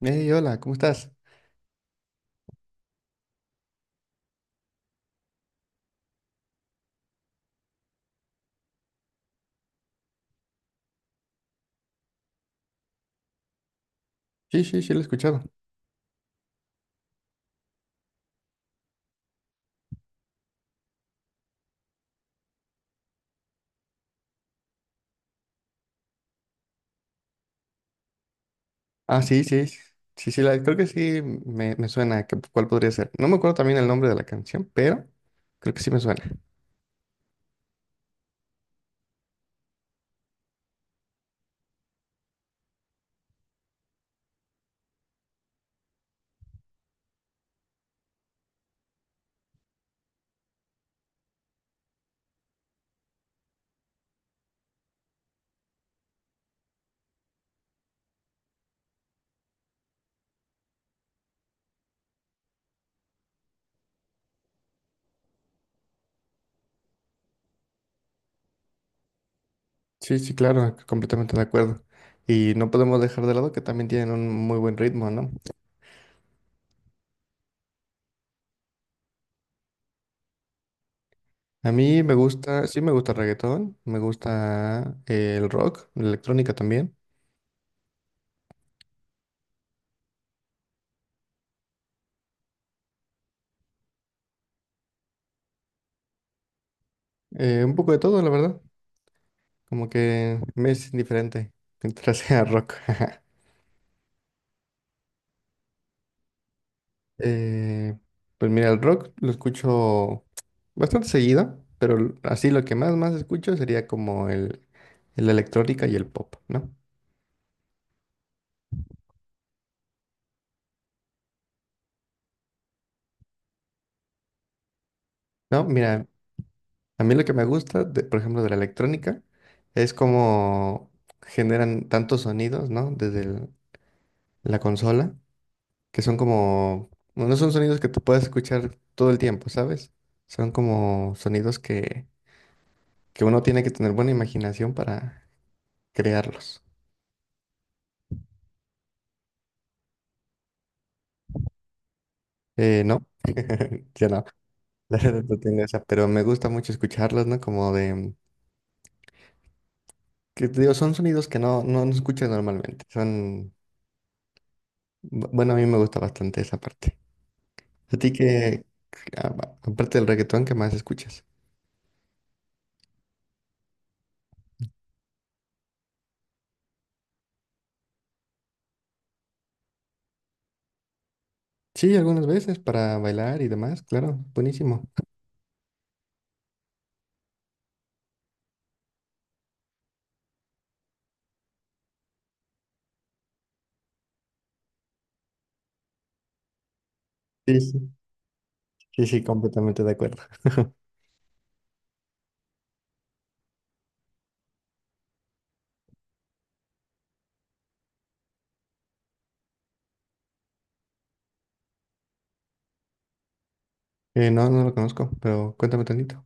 Hey, hola, ¿cómo estás? Sí, sí, sí, lo he escuchado. Ah, sí, sí, sí, sí, sí, la, creo que sí me suena, que- ¿cuál podría ser? No me acuerdo también el nombre de la canción, pero creo que sí me suena. Sí, sí, claro, completamente de acuerdo. Y no podemos dejar de lado que también tienen un muy buen ritmo, ¿no? A mí me gusta, sí me gusta el reggaetón, me gusta el rock, la electrónica también. Un poco de todo, la verdad, como que me es indiferente mientras sea rock. Eh, pues mira, el rock lo escucho bastante seguido, pero así lo que más escucho sería como el electrónica y el pop, ¿no? No, mira, a mí lo que me gusta, por ejemplo, de la electrónica, es como generan tantos sonidos, ¿no? Desde la consola, que son como, bueno, no son sonidos que tú puedas escuchar todo el tiempo, ¿sabes? Son como sonidos que uno tiene que tener buena imaginación para crearlos. ¿No? Ya no. La verdad no tengo esa, pero me gusta mucho escucharlos, ¿no? Como de, que te digo, son sonidos que no, no, no escuchas normalmente. Son, bueno, a mí me gusta bastante esa parte. ¿A ti que aparte del reggaetón, qué más escuchas? Sí, algunas veces para bailar y demás, claro, buenísimo. Sí, sí, sí, sí, completamente de acuerdo. No, no lo conozco, pero cuéntame tantito.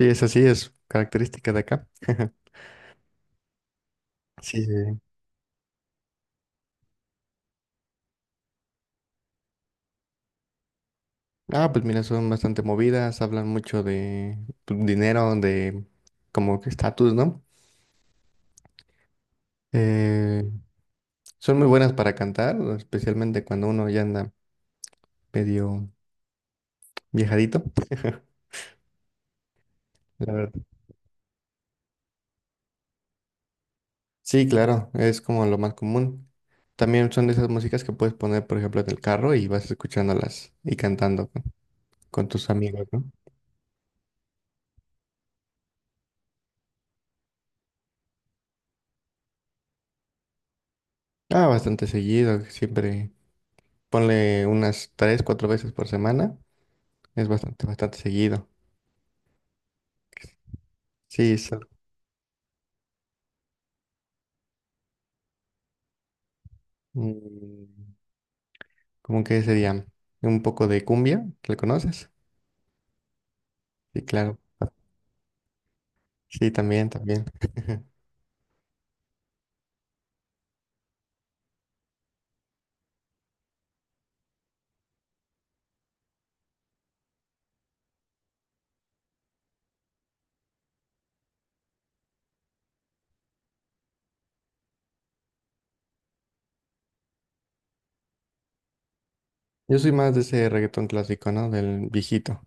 Sí, eso sí es característica de acá. Sí, sí. Ah, pues mira, son bastante movidas, hablan mucho de pues, dinero, de como que estatus, ¿no? Eh, Son muy buenas para cantar, especialmente cuando uno ya anda medio viejadito, la verdad. Sí, claro, es como lo más común. También son de esas músicas que puedes poner, por ejemplo, en el carro y vas escuchándolas y cantando con tus amigos, ¿no? Ah, bastante seguido, siempre ponle unas tres, cuatro veces por semana, es bastante, bastante seguido. Sí, son- Mm, ¿cómo que sería? Un poco de cumbia, ¿la conoces? Sí, claro. Sí, también, también. Yo soy más de ese reggaetón clásico, ¿no? Del viejito.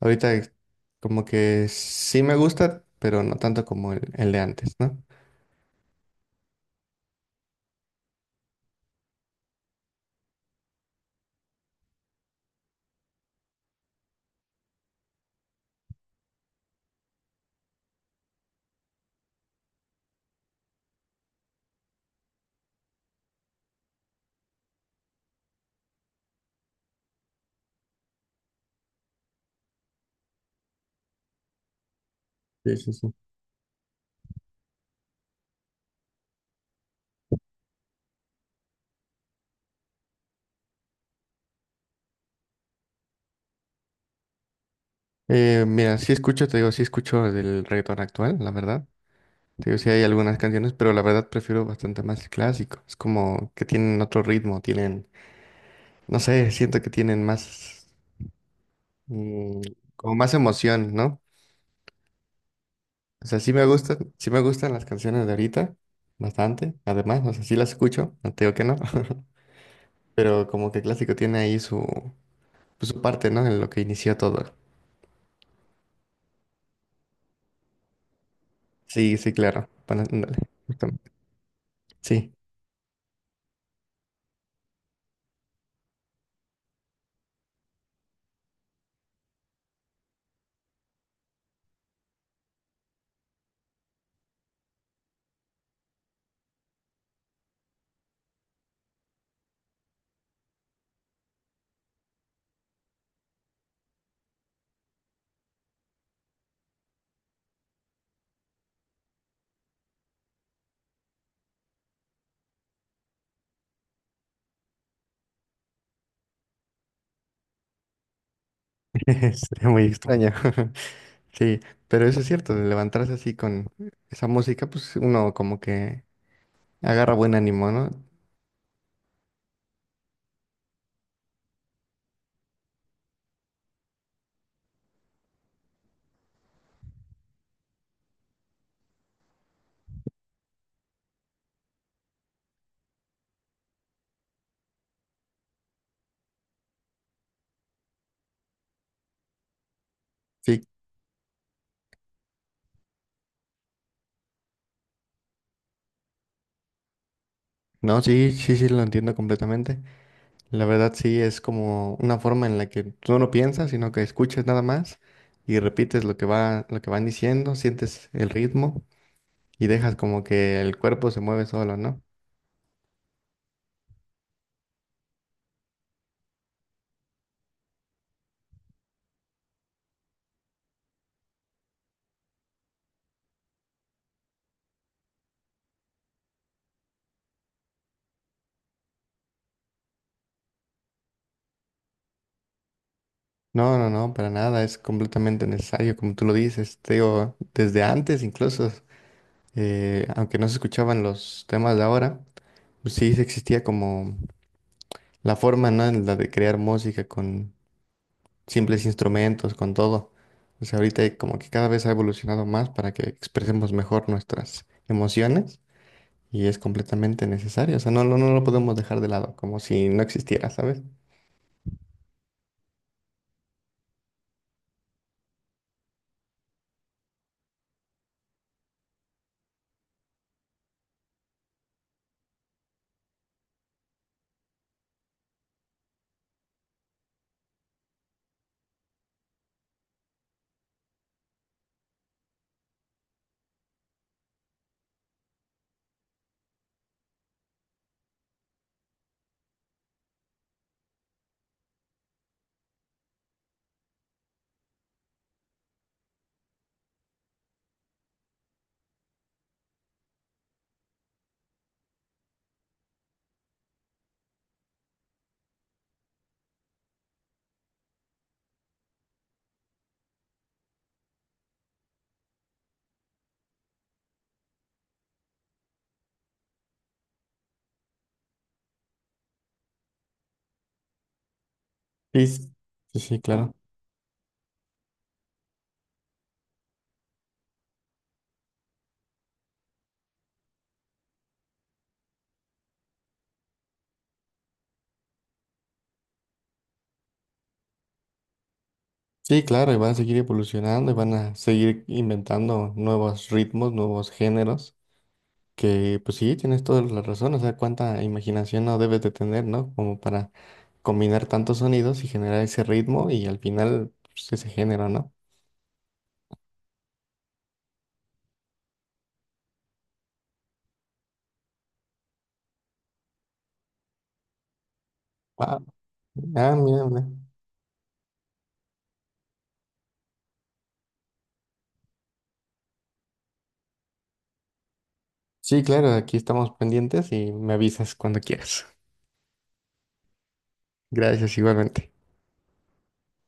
Ahorita es como que sí me gusta, pero no tanto como el de antes, ¿no? Sí, sí, sí. Mira, sí escucho, te digo, sí escucho del reggaetón actual, la verdad. Te digo, sí hay algunas canciones, pero la verdad prefiero bastante más el clásico. Es como que tienen otro ritmo, tienen, no sé, siento que tienen más. mm, Como más emoción, ¿no? O sea, sí me gustan las canciones de ahorita, bastante. Además, o sea, sí las escucho, no te digo que no. Pero como que clásico tiene ahí pues, su parte, ¿no? En lo que inició todo. Sí, sí, claro. Bueno, ándale, justamente. Sí. Sería muy extraño. Sí, pero eso es cierto, de levantarse así con esa música, pues uno como que agarra buen ánimo, ¿no? Sí, no, sí, sí, sí, lo entiendo completamente. La verdad sí es como una forma en la que tú no piensas, sino que escuchas nada más y repites lo que va, lo que van diciendo, sientes el ritmo y dejas como que el cuerpo se mueve solo, ¿no? No, no, no, para nada, es completamente necesario, como tú lo dices, te digo, desde antes incluso, aunque no se escuchaban los temas de ahora, pues sí existía como la forma, ¿no? En la de crear música con, simples instrumentos, con todo. O sea, ahorita como que cada vez ha evolucionado más para que expresemos mejor nuestras emociones y es completamente necesario. O sea, no, no, no lo podemos dejar de lado, como si no existiera, ¿sabes? Sí, sí, sí, claro. Sí, claro, y van a seguir evolucionando y van a seguir inventando nuevos ritmos, nuevos géneros, que pues sí, tienes toda la razón, o sea, cuánta imaginación no debes de tener, ¿no? Como para combinar tantos sonidos y generar ese ritmo y al final pues, ese género, ¿no? Ah, mira, mira. Sí, claro, aquí estamos pendientes y me avisas cuando quieras. Gracias, igualmente.